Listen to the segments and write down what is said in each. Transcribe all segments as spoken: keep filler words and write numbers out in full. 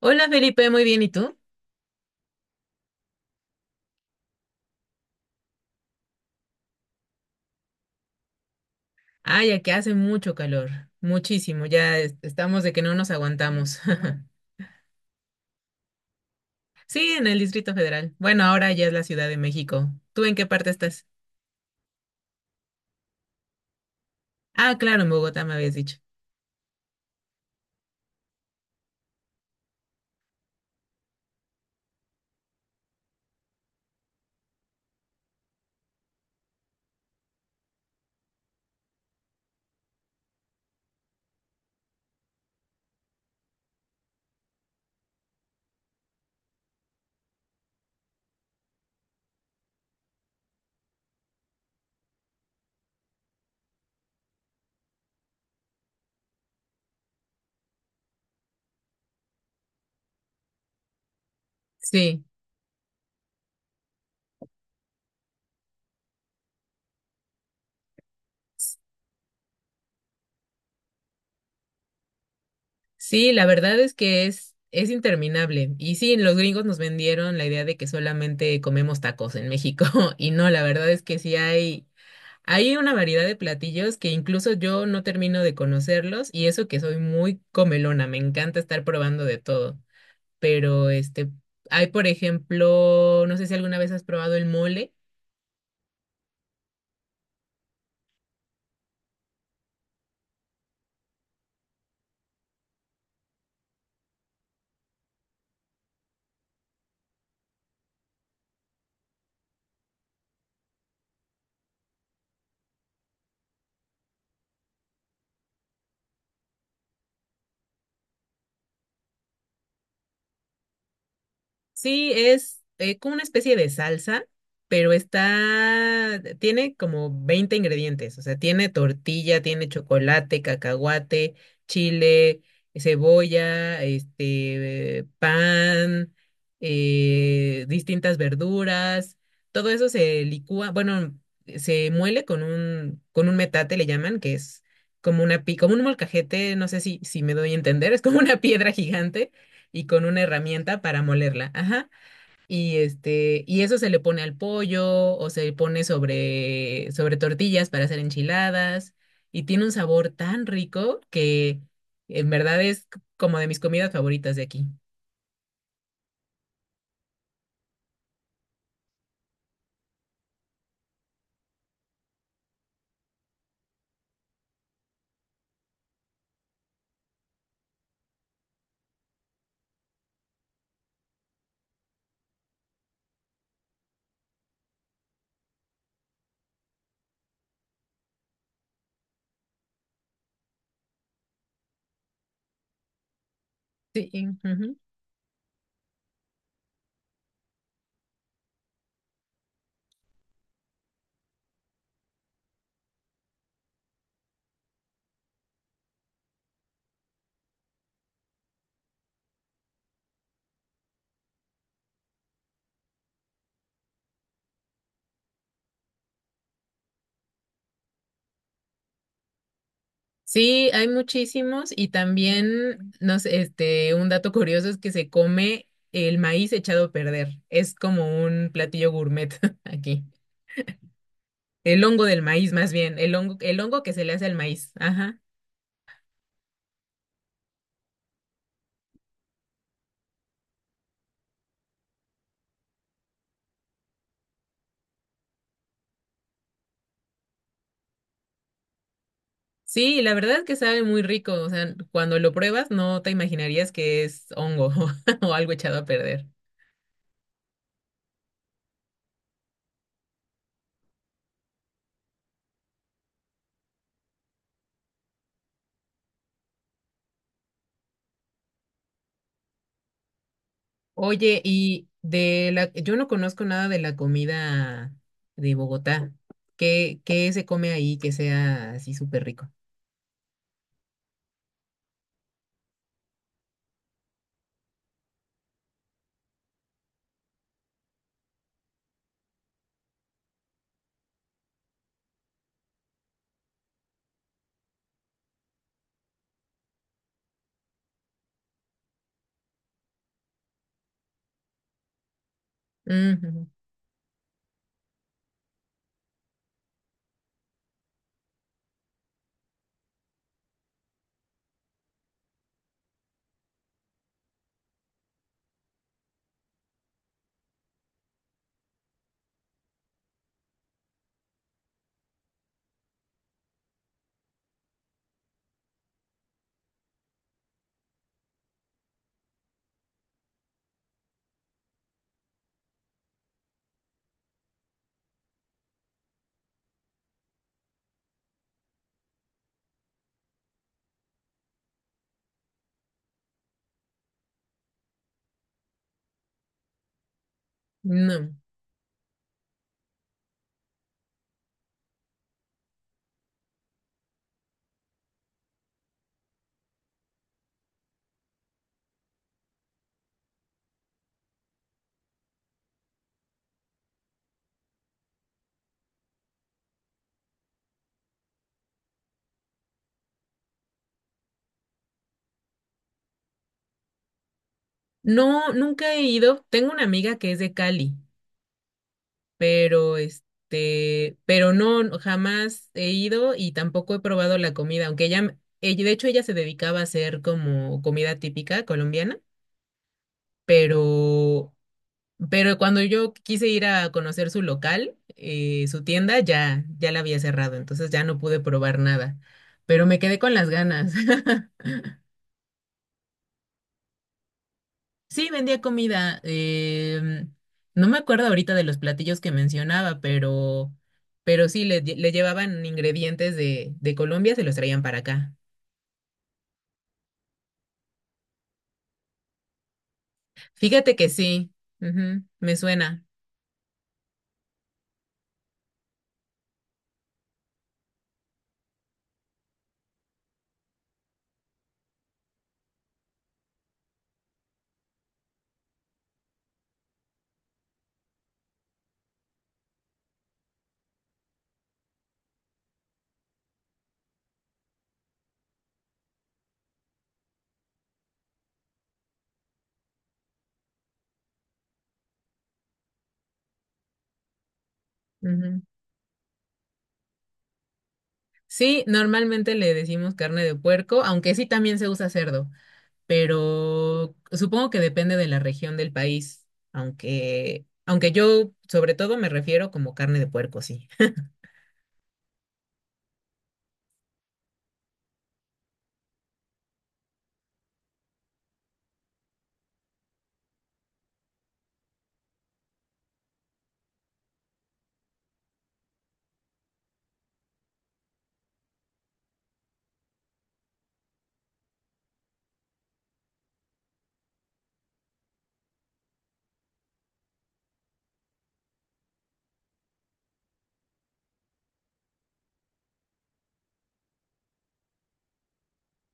Hola Felipe, muy bien, ¿y tú? Ay, aquí hace mucho calor, muchísimo, ya es- estamos de que no nos aguantamos. Sí, en el Distrito Federal. Bueno, ahora ya es la Ciudad de México. ¿Tú en qué parte estás? Ah, claro, en Bogotá me habías dicho. Sí, sí, la verdad es que es, es interminable. Y sí, los gringos nos vendieron la idea de que solamente comemos tacos en México. Y no, la verdad es que sí hay. Hay una variedad de platillos que incluso yo no termino de conocerlos y eso que soy muy comelona, me encanta estar probando de todo. Pero este, hay por ejemplo, no sé si alguna vez has probado el mole. Sí, es eh, como una especie de salsa, pero está, tiene como veinte ingredientes, o sea, tiene tortilla, tiene chocolate, cacahuate, chile, cebolla, este, pan, eh, distintas verduras, todo eso se licúa, bueno, se muele con un, con un metate, le llaman, que es como una, pi- como un molcajete, no sé si, si me doy a entender, es como una piedra gigante y con una herramienta para molerla, ajá. Y este, y eso se le pone al pollo o se le pone sobre sobre tortillas para hacer enchiladas y tiene un sabor tan rico que en verdad es c- como de mis comidas favoritas de aquí. Sí, y- ujú. Sí, hay muchísimos y también, no sé, este, un dato curioso es que se come el maíz echado a perder. Es como un platillo gourmet aquí. El hongo del maíz, más bien, el hongo, el hongo que se le hace al maíz. Ajá. Sí, la verdad es que sabe muy rico. O sea, cuando lo pruebas no te imaginarías que es hongo o algo echado a perder. Oye, y de la, yo no conozco nada de la comida de Bogotá. ¿Qué, qué se come ahí que sea así súper rico? Mm, ujú. No. No, nunca he ido. Tengo una amiga que es de Cali pero este, pero no, no, jamás he ido y tampoco he probado la comida, aunque ella, m- ella- de hecho ella se dedicaba a hacer como comida típica colombiana, pero, pero cuando yo quise ir a conocer su local, eh, su tienda, ya, ya la había cerrado, entonces ya no pude probar nada, pero me quedé con las ganas. Sí, vendía comida. Em, no me acuerdo ahorita de los platillos que mencionaba, pero, pero sí, le, lle- le llevaban ingredientes de, de Colombia, se los traían para acá. Fíjate que sí, ujú, me suena. Ujú. Sí, normalmente le decimos carne de puerco, aunque sí también se usa cerdo, pero supongo que depende de la región del país, aunque, aunque yo sobre todo me refiero como carne de puerco, sí.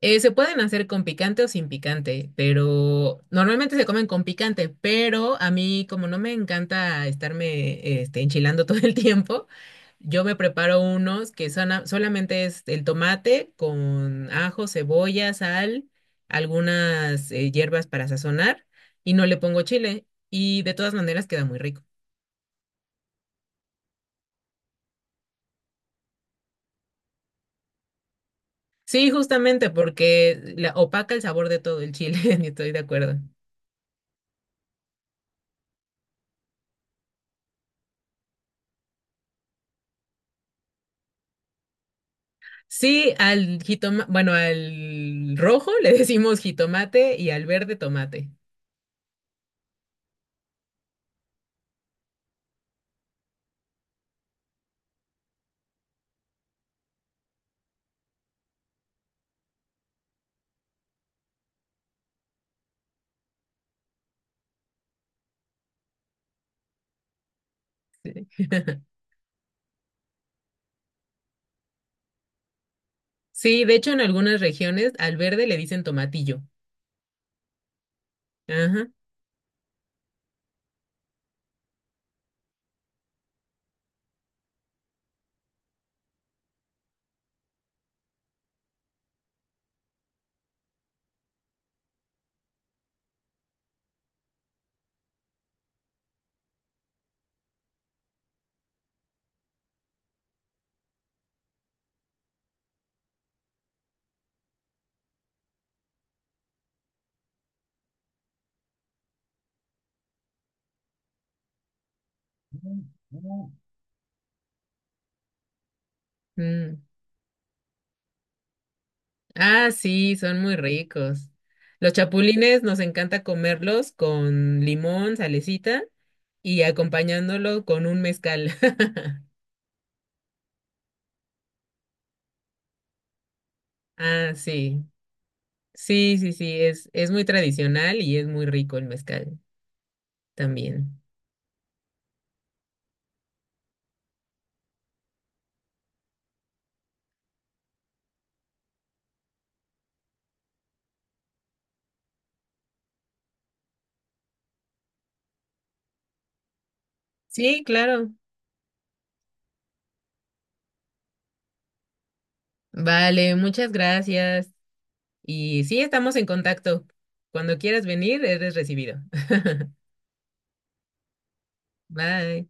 Eh, se pueden hacer con picante o sin picante, pero normalmente se comen con picante, pero a mí como no me encanta estarme este, enchilando todo el tiempo, yo me preparo unos que son a- solamente es el tomate con ajo, cebolla, sal, algunas eh, hierbas para sazonar y no le pongo chile y de todas maneras queda muy rico. Sí, justamente porque la, opaca el sabor de todo el chile, y estoy de acuerdo. Sí, al jitomate, bueno, al rojo le decimos jitomate y al verde tomate. Sí, de hecho en algunas regiones al verde le dicen tomatillo. Ajá. Mm, mm. Mm. Ah, sí, son muy ricos. Los chapulines nos encanta comerlos con limón, salecita y acompañándolo con un mezcal. Ah, sí. Sí, sí, sí, es, es muy tradicional y es muy rico el mezcal también. Sí, claro. Vale, muchas gracias. Y sí, estamos en contacto. Cuando quieras venir, eres recibido. Bye.